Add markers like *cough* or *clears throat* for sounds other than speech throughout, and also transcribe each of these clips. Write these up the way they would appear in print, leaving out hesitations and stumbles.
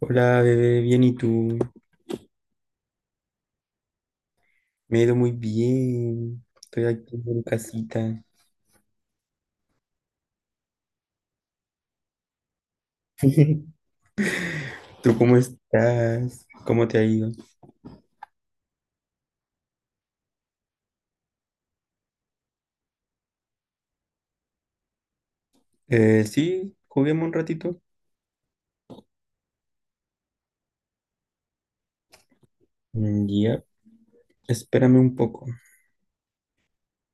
Hola, bebé, bien, ¿y tú? Me he ido muy bien. Estoy aquí en casita. *laughs* ¿Tú cómo estás? ¿Cómo te ha ido? Sí, juguemos un ratito. Mm, ya, espérame un poco.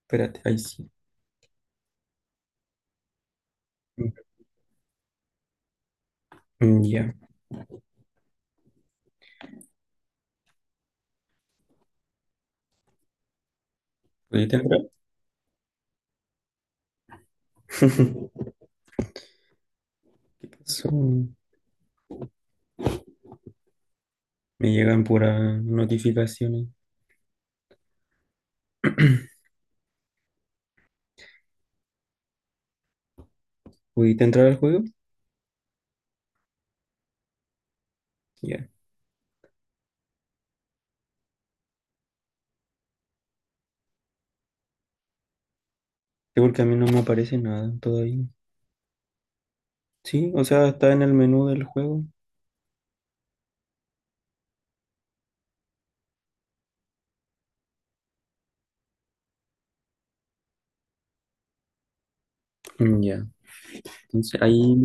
Espérate, ahí sí. Mm, ya. ¿Oye, te entrar? *laughs* ¿Qué pasó? Me llegan puras notificaciones. *clears throat* ¿Pudiste entrar al juego? Ya. Sí, porque a mí no me aparece nada todavía. Sí, o sea, está en el menú del juego. Mm, ya. Entonces ahí,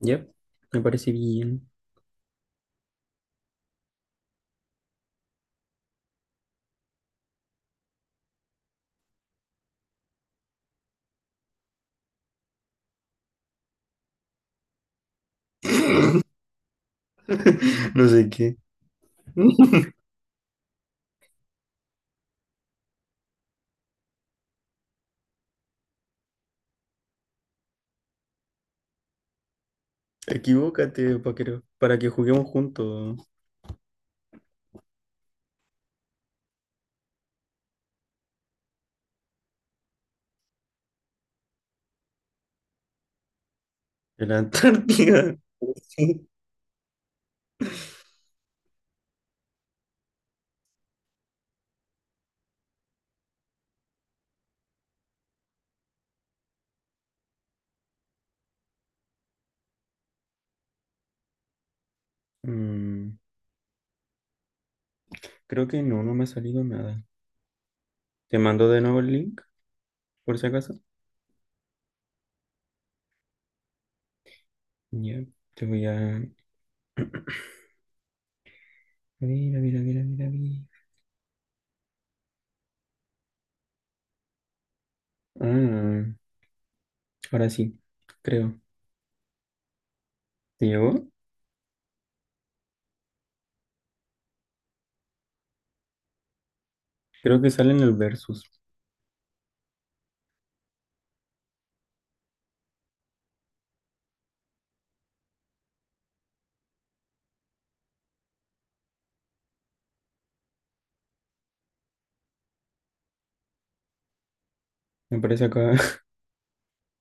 ya, me parece bien. *laughs* No sé qué. *laughs* Equivócate, para que juguemos juntos en la Antártida. *laughs* Mm, creo que no, no me ha salido nada. Te mando de nuevo el link, por si acaso. Ya, te voy a... A ver, a ver, a ver, a ver, a ver. Ah, ahora sí, creo. ¿Te llegó? Creo que sale en el versus. Me parece acá, *laughs*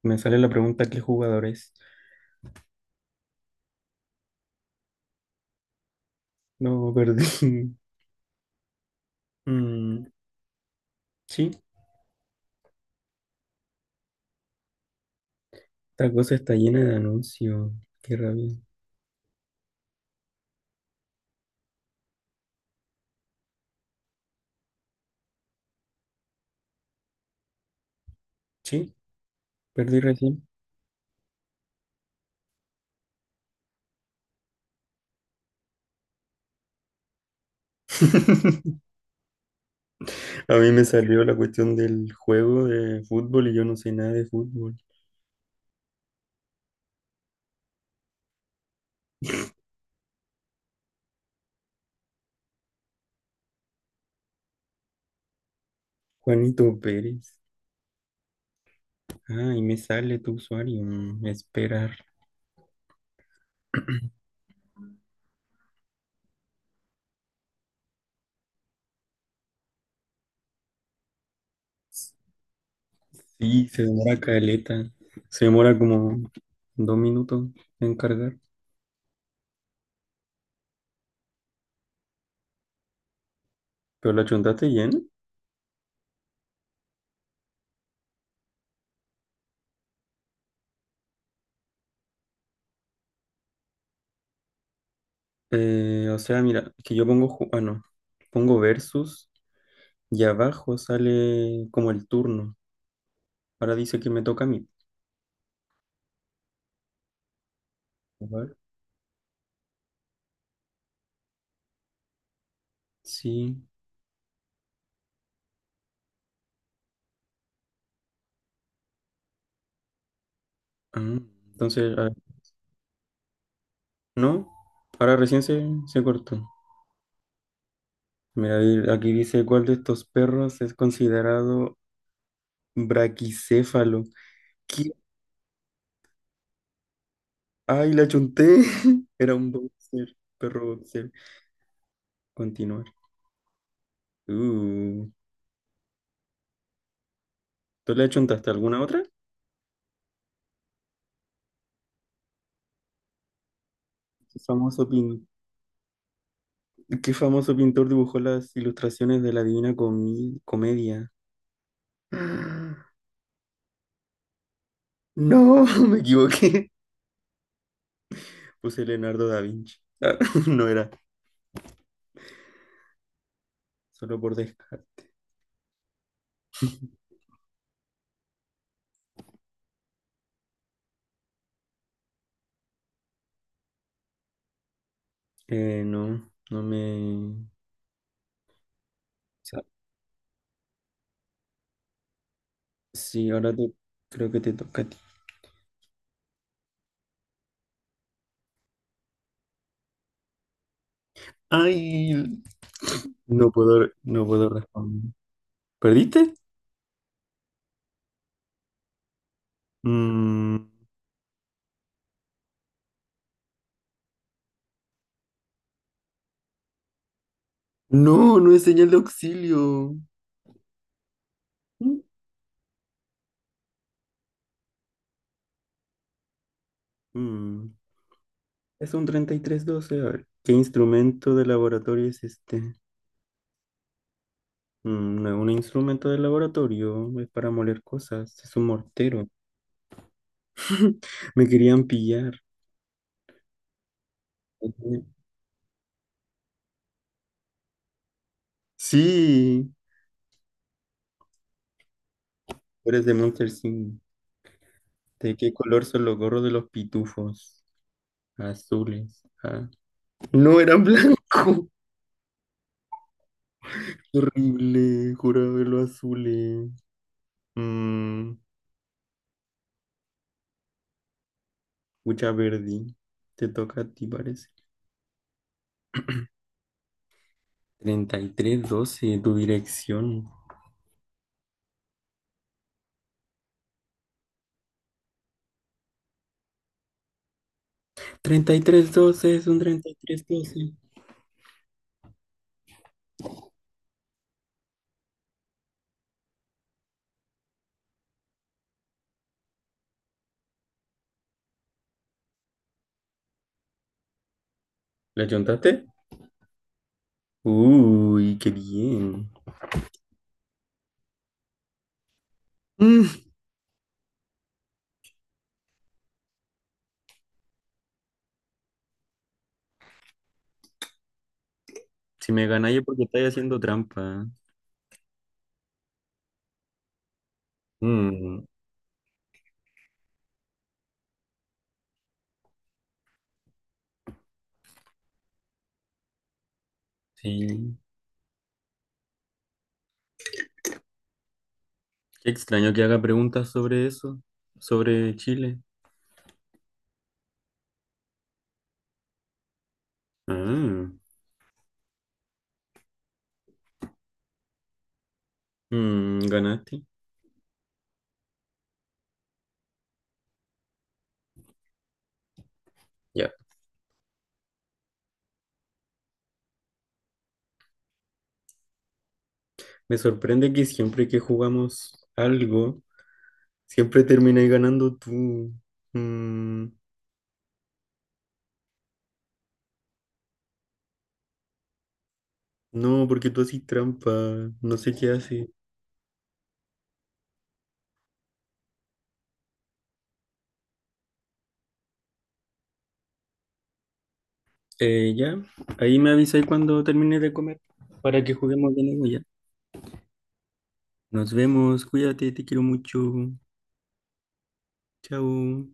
me sale la pregunta, ¿qué jugador es? No, perdí. *laughs* Mm, sí, esta cosa está llena de anuncios. Qué rabia. Sí. Perdí recién. *laughs* A mí me salió la cuestión del juego de fútbol y yo no sé nada de fútbol. Juanito Pérez. Ah, y me sale tu usuario. Mm, esperar. Sí, se demora caleta. Se demora como 2 minutos en cargar. Pero la chuntaste bien. O sea, mira, que yo pongo, ju- ah, no, pongo versus y abajo sale como el turno. Ahora dice que me toca a mí. A ver, sí. Ah, entonces, no, ahora recién se cortó. Mira, aquí dice cuál de estos perros es considerado braquicéfalo. ¿Qué? ¡Ay, la chunté! *laughs* Era un boxer, perro boxer. Continuar. Uh, ¿Tú le achuntaste alguna otra? ¿Qué famoso, qué famoso pintor dibujó las ilustraciones de la Divina Comedia? *gasps* No, *laughs* me equivoqué. Puse Leonardo da Vinci. Ah, *laughs* no era, solo por descarte. No, no me, sea, Sí, creo que te toca a ti. Ay, no puedo responder. ¿Perdiste? Mm, no, no es señal de auxilio. Mm. Mm, Es un 33 12. A ver, ¿qué instrumento de laboratorio es este? Mm, no es un instrumento de laboratorio, es para moler cosas, es un mortero. *laughs* Me querían pillar. Ujú. Sí. Tú eres de Monster Inc. ¿De qué color son los gorros de los pitufos? Azules. Ah, no eran blanco. *laughs* Horrible, juraba verlo azules. Mmm, mucha verde. Te toca a ti, parece. 33 12, tu dirección. 33 12, es un treinta y tres doce. ¿La chontaste? Uy, qué bien. Mm, si me ganáis es porque estáis haciendo trampa. Mm, sí. Qué extraño que haga preguntas sobre eso, sobre Chile. Ah, mm, ganaste. Ya. Me sorprende que siempre que jugamos algo, siempre terminas ganando tú. Mm, no, porque tú haces trampa, no sé qué haces. Ya, ahí me avisáis cuando termine de comer para que juguemos de nuevo ya. Nos vemos, cuídate, te quiero mucho. Chao.